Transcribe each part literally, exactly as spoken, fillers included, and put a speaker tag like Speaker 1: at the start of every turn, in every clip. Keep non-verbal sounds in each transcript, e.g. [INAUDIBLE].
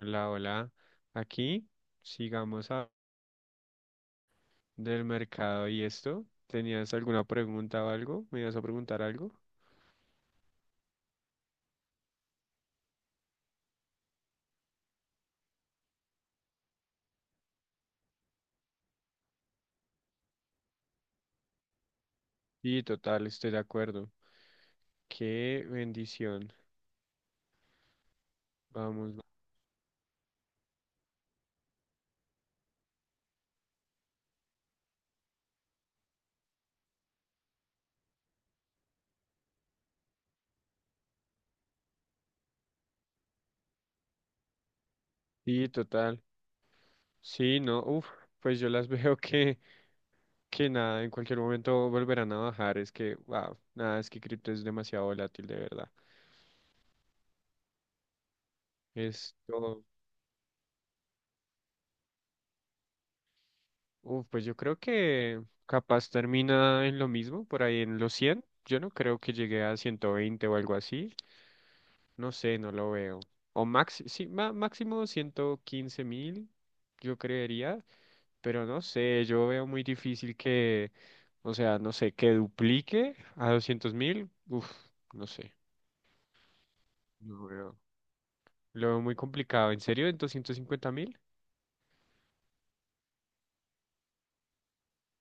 Speaker 1: Hola, hola. Aquí sigamos a del mercado y esto. ¿Tenías alguna pregunta o algo? ¿Me ibas a preguntar algo? Sí, total, estoy de acuerdo. Qué bendición. Vamos. va- Sí, total. Sí, no, uf, pues yo las [LAUGHS] veo que, que nada, en cualquier momento volverán a bajar. Es que, wow, nada, es que cripto es demasiado volátil, de verdad. Esto, uf, pues yo creo que capaz termina en lo mismo, por ahí en los cien. Yo no creo que llegue a ciento veinte o algo así. No sé, no lo veo. O máximo, sí, ma- máximo ciento quince mil, yo creería, pero no sé, yo veo muy difícil que, o sea, no sé, que duplique a doscientos mil. Uf, no sé, no veo. Lo veo muy complicado. ¿En serio? ¿En doscientos cincuenta mil?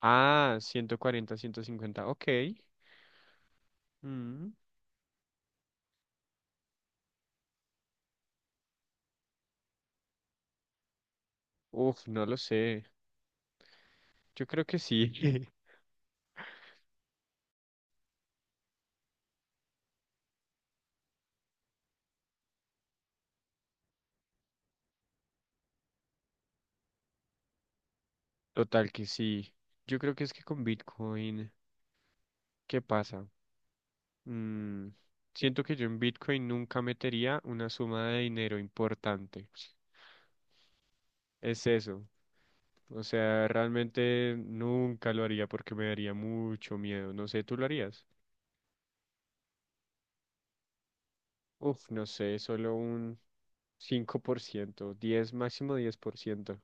Speaker 1: Ah, ciento cuarenta, ciento cincuenta, ok. Mm, Uf, no lo sé. Yo creo que sí. [LAUGHS] Total que sí. Yo creo que es que con Bitcoin, ¿qué pasa? Mm, siento que yo en Bitcoin nunca metería una suma de dinero importante. Es eso. O sea, realmente nunca lo haría porque me daría mucho miedo. No sé, ¿tú lo harías? Uf, no sé, solo un cinco por ciento, diez máximo diez por ciento.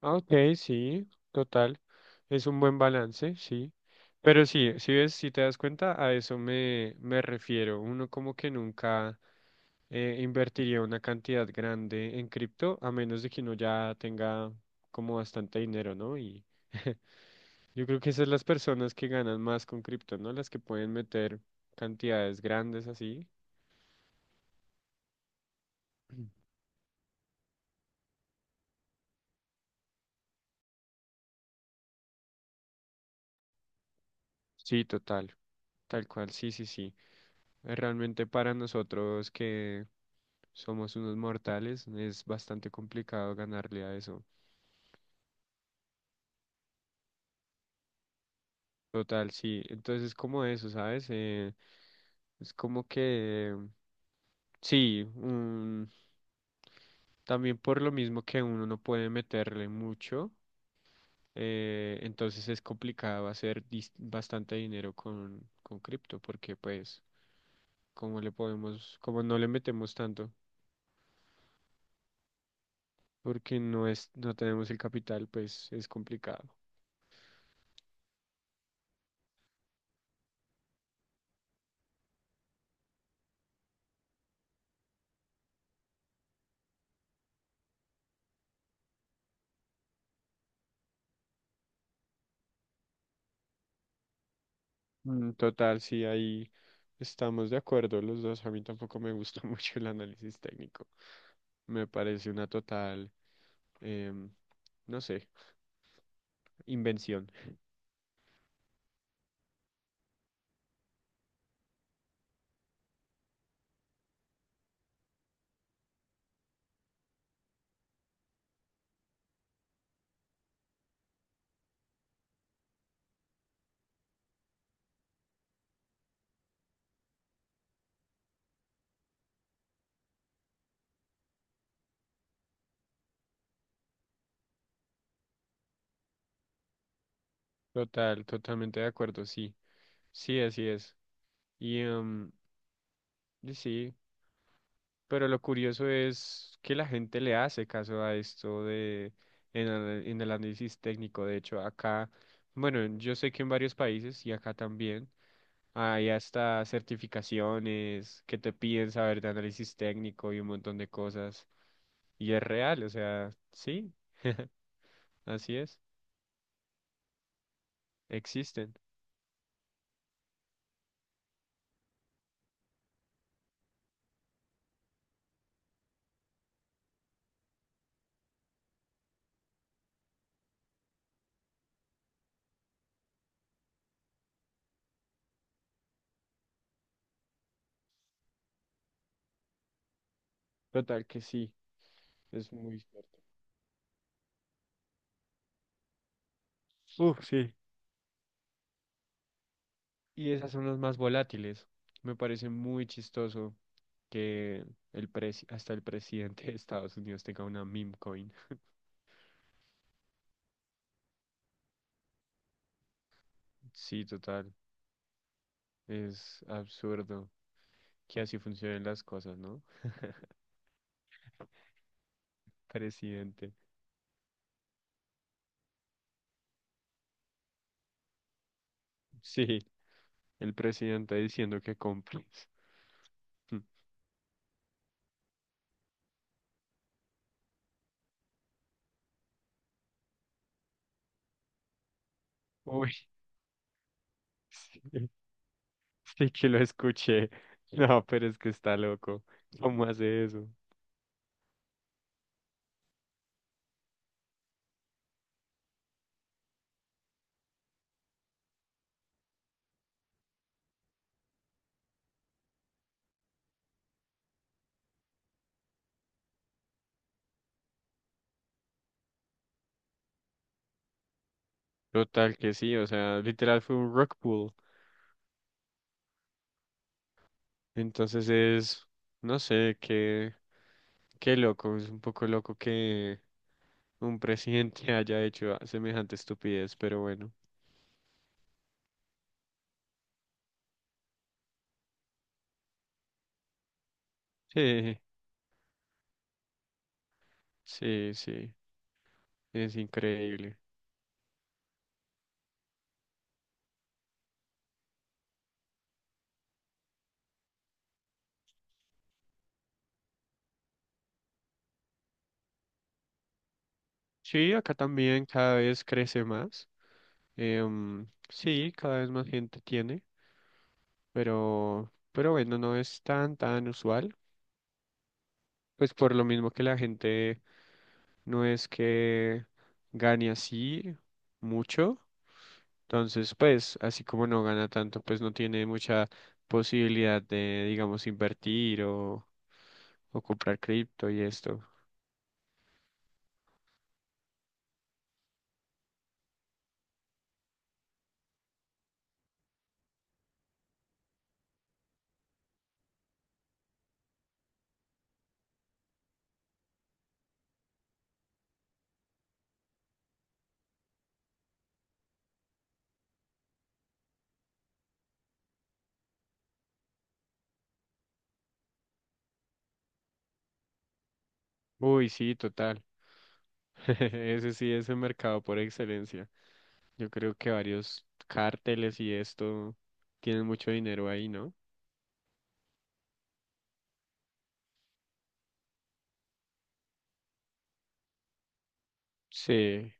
Speaker 1: Ah, ok, sí, total. Es un buen balance, sí. Pero sí, si ves, si te das cuenta, a eso me, me refiero. Uno como que nunca eh, invertiría una cantidad grande en cripto, a menos de que uno ya tenga como bastante dinero, ¿no? Y [LAUGHS] yo creo que esas las personas que ganan más con cripto, ¿no? Las que pueden meter cantidades grandes así. [CLEARS THROAT] Sí, total, tal cual, sí, sí, sí. Eh, Realmente para nosotros que somos unos mortales es bastante complicado ganarle a eso. Total, sí. Entonces como eso, ¿sabes? Eh, es como que, em, sí, un- también por lo mismo que uno no puede meterle mucho, eh, entonces es complicado hacer dis- bastante dinero con, con cripto, porque pues, como le podemos, como no le metemos tanto, porque no es, no tenemos el capital, pues es complicado. Mm, Total, sí, ahí estamos de acuerdo los dos. A mí tampoco me gusta [LAUGHS] mucho el análisis técnico. Me parece una total, em, no sé, invención. Total, totalmente de acuerdo, sí. Sí, así es. Y em, y sí, pero lo curioso es que la gente le hace caso a esto de en, el- en el análisis técnico. De hecho, acá, bueno, yo sé que en varios países y acá también. Hay hasta certificaciones que te piden saber de análisis técnico y un montón de cosas. Y es real, o sea, sí, [LAUGHS] así es, existen. Total que sí, es muy cierto. Uf, sí. Y esas son las más volátiles. Me parece muy chistoso que el presi- hasta el presidente de Estados Unidos tenga una meme coin. Sí, total, es absurdo que así funcionen las cosas, ¿no? Presidente. Sí. El presidente diciendo que compres. Mm. Uy, [LAUGHS] sí, sí que lo escuché. No, pero es que está loco. ¿Cómo hace eso? Total que sí, o sea, literal fue un rock pool. Entonces es, no sé, qué, qué loco, es un poco loco que un presidente [LAUGHS] haya hecho semejante estupidez, pero bueno. Sí, sí, sí, es increíble. Sí, acá también cada vez crece más. Em, sí, cada vez más gente tiene. pero, pero bueno, no es tan, tan usual, pues por lo mismo que la gente no es que gane así mucho, entonces pues así como no gana tanto, pues no tiene mucha posibilidad de, digamos, invertir o, o comprar cripto y esto. Uy, sí, total. [LAUGHS] Ese sí es el mercado por excelencia. Yo creo que varios cárteles y esto tienen mucho dinero ahí, ¿no? Sí,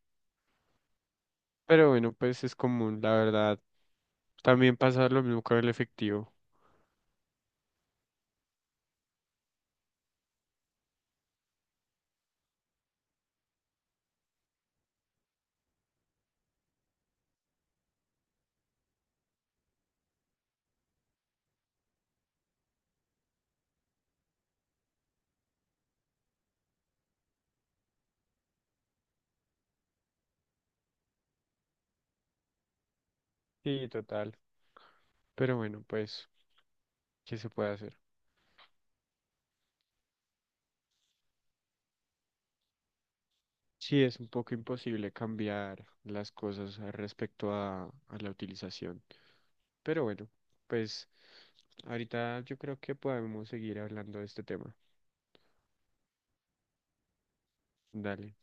Speaker 1: pero bueno, pues es común, la verdad. También pasa lo mismo con el efectivo. Sí, total. Pero bueno, pues, ¿qué se puede hacer? Sí, es un poco imposible cambiar las cosas al respecto a, a la utilización. Pero bueno, pues ahorita yo creo que podemos seguir hablando de este tema. Dale.